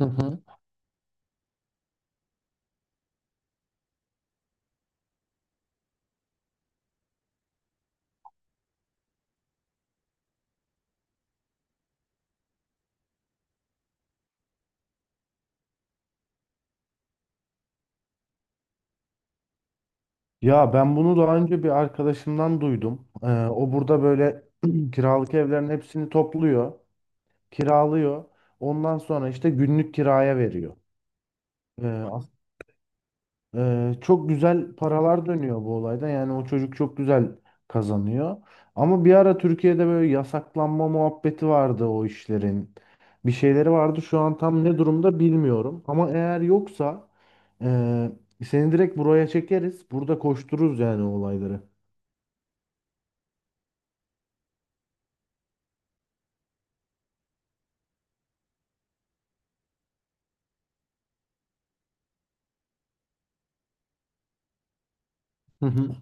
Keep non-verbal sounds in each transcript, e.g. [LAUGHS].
Hı hı. Ya ben bunu daha önce bir arkadaşımdan duydum. O burada böyle [CLEARS THROAT] kiralık evlerin hepsini topluyor, kiralıyor. Ondan sonra işte günlük kiraya veriyor. Ee, as- Çok güzel paralar dönüyor bu olayda. Yani o çocuk çok güzel kazanıyor. Ama bir ara Türkiye'de böyle yasaklanma muhabbeti vardı o işlerin. Bir şeyleri vardı. Şu an tam ne durumda bilmiyorum. Ama eğer yoksa ee, seni direkt buraya çekeriz. Burada koştururuz yani olayları. Hı hı.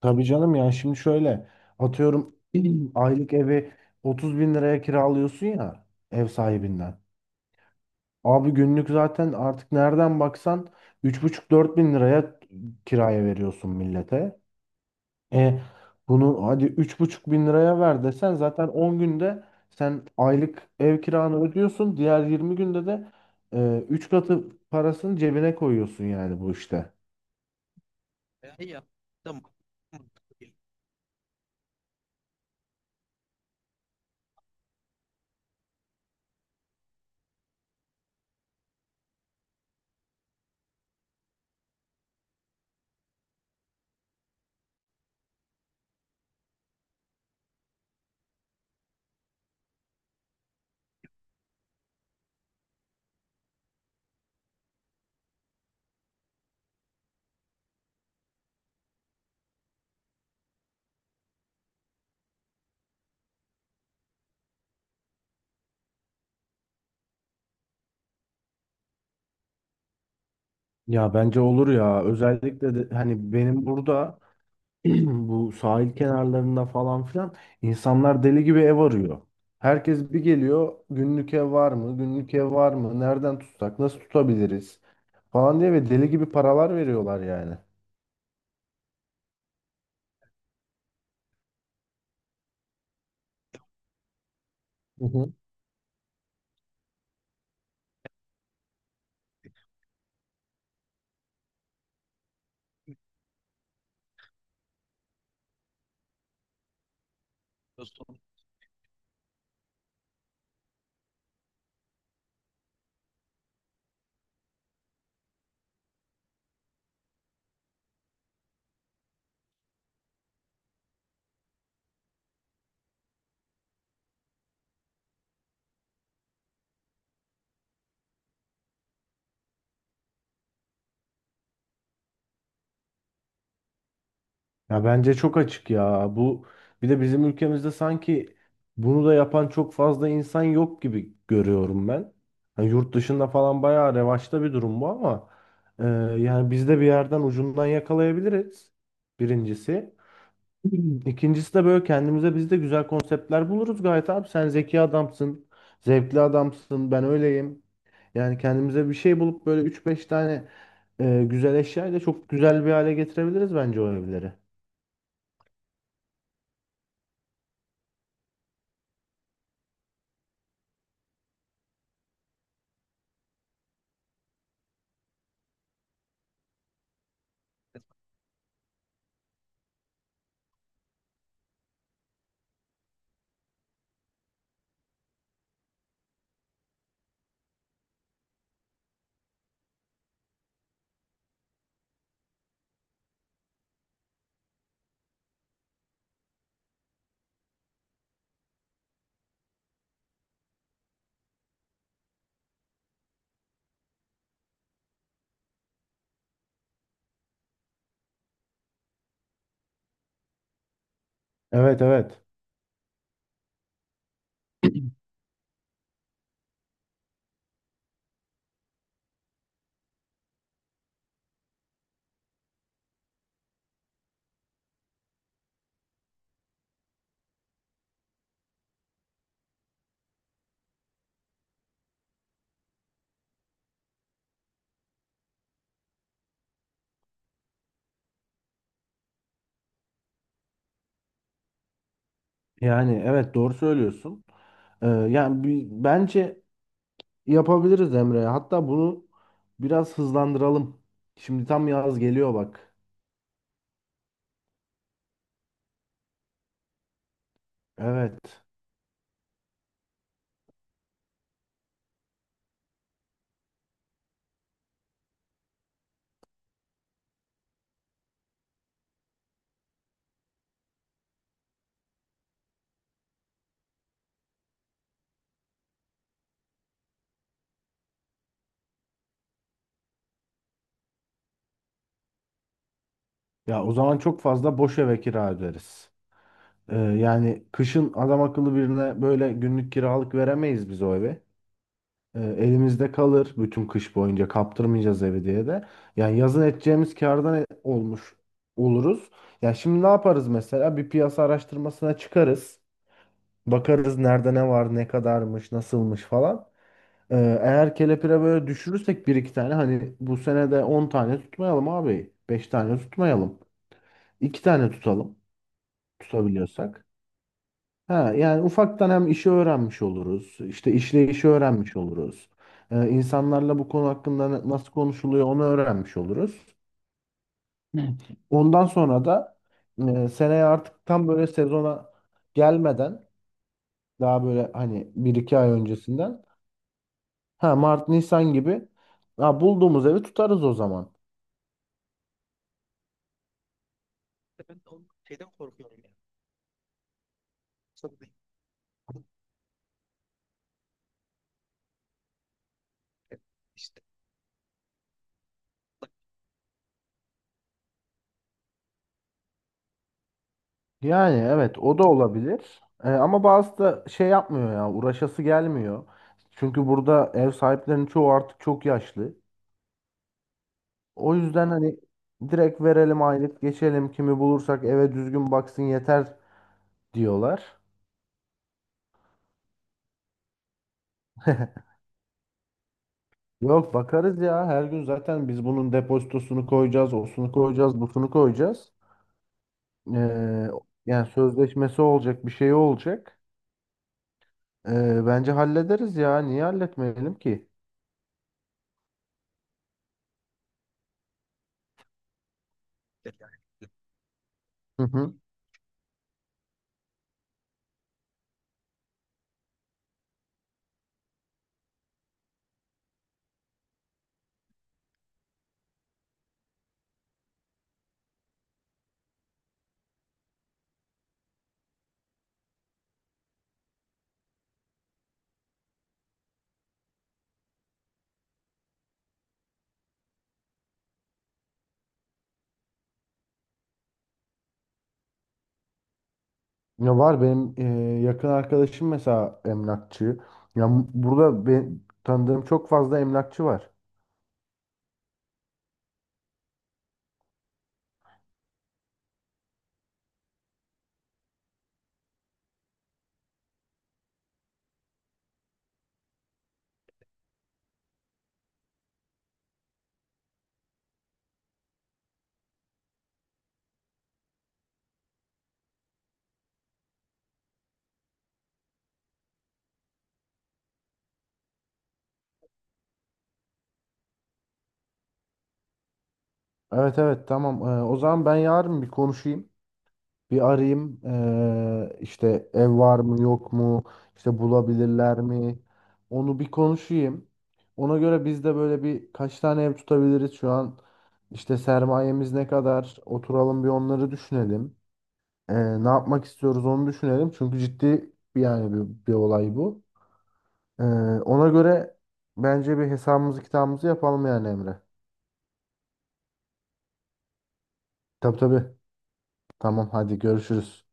Tabii canım, yani şimdi şöyle atıyorum, [CLEARS THROAT] aylık evi 30 bin liraya kiralıyorsun ya, ev sahibinden. Abi günlük zaten artık nereden baksan üç buçuk dört bin liraya kiraya veriyorsun millete. E bunu hadi üç buçuk bin liraya ver desen zaten 10 günde sen aylık ev kiranı ödüyorsun. Diğer 20 günde de 3 katı parasını cebine koyuyorsun yani bu işte. Ya bence olur ya, özellikle de hani benim burada [CLEARS THROAT] bu sahil kenarlarında falan filan insanlar deli gibi ev arıyor. Herkes bir geliyor, günlük ev var mı? Günlük ev var mı? Nereden tutsak? Nasıl tutabiliriz? Falan diye ve deli gibi paralar veriyorlar yani. Hı hı. Ya bence çok açık ya. Bu, bir de bizim ülkemizde sanki bunu da yapan çok fazla insan yok gibi görüyorum ben. Hani yurt dışında falan bayağı revaçta bir durum bu ama e, yani biz de bir yerden ucundan yakalayabiliriz. Birincisi. İkincisi de böyle kendimize biz de güzel konseptler buluruz gayet abi. Sen zeki adamsın, zevkli adamsın, ben öyleyim. Yani kendimize bir şey bulup böyle üç beş tane güzel eşyayla çok güzel bir hale getirebiliriz bence o evleri. Evet, evet. Yani evet, doğru söylüyorsun. Yani bence yapabiliriz Emre. Hatta bunu biraz hızlandıralım. Şimdi tam yaz geliyor bak. Evet. Ya o zaman çok fazla boş eve kira öderiz. Yani kışın adam akıllı birine böyle günlük kiralık veremeyiz biz o eve. Elimizde kalır bütün kış boyunca, kaptırmayacağız evi diye de. Yani yazın edeceğimiz kârdan olmuş oluruz. Ya şimdi ne yaparız mesela? Bir piyasa araştırmasına çıkarız. Bakarız nerede ne var, ne kadarmış, nasılmış falan. Ee, Eğer kelepire böyle düşürürsek bir iki tane, hani bu sene de 10 tane tutmayalım abi, 5 tane tutmayalım, 2 tane tutalım tutabiliyorsak. Ha, yani ufaktan hem işi öğrenmiş oluruz, işte işleyişi öğrenmiş oluruz. İnsanlarla bu konu hakkında nasıl konuşuluyor onu öğrenmiş oluruz. Ondan sonra da seneye artık tam böyle sezona gelmeden, daha böyle hani bir iki ay öncesinden. Ha Mart Nisan gibi. Ha, bulduğumuz evi tutarız o zaman. Yani evet, o da olabilir. Ama bazı da şey yapmıyor ya, uğraşası gelmiyor. Çünkü burada ev sahiplerinin çoğu artık çok yaşlı. O yüzden hani direkt verelim, aylık geçelim, kimi bulursak eve düzgün baksın yeter diyorlar. [LAUGHS] Yok, bakarız ya her gün zaten biz, bunun depozitosunu koyacağız, osunu koyacağız, busunu koyacağız. Ee, Yani sözleşmesi olacak, bir şey olacak. Bence hallederiz ya. Niye halletmeyelim ki? Hı hı. Ya var benim yakın arkadaşım mesela emlakçı. Ya burada ben, tanıdığım çok fazla emlakçı var. Evet, evet, tamam. O zaman ben yarın bir konuşayım. Bir arayayım. İşte ev var mı yok mu? İşte bulabilirler mi? Onu bir konuşayım. Ona göre biz de böyle bir kaç tane ev tutabiliriz şu an. İşte sermayemiz ne kadar? Oturalım bir onları düşünelim. Ne yapmak istiyoruz onu düşünelim. Çünkü ciddi bir, yani bir olay bu. Ee, Ona göre bence bir hesabımızı kitabımızı yapalım yani Emre. Tabii, tabii. Tamam, hadi görüşürüz.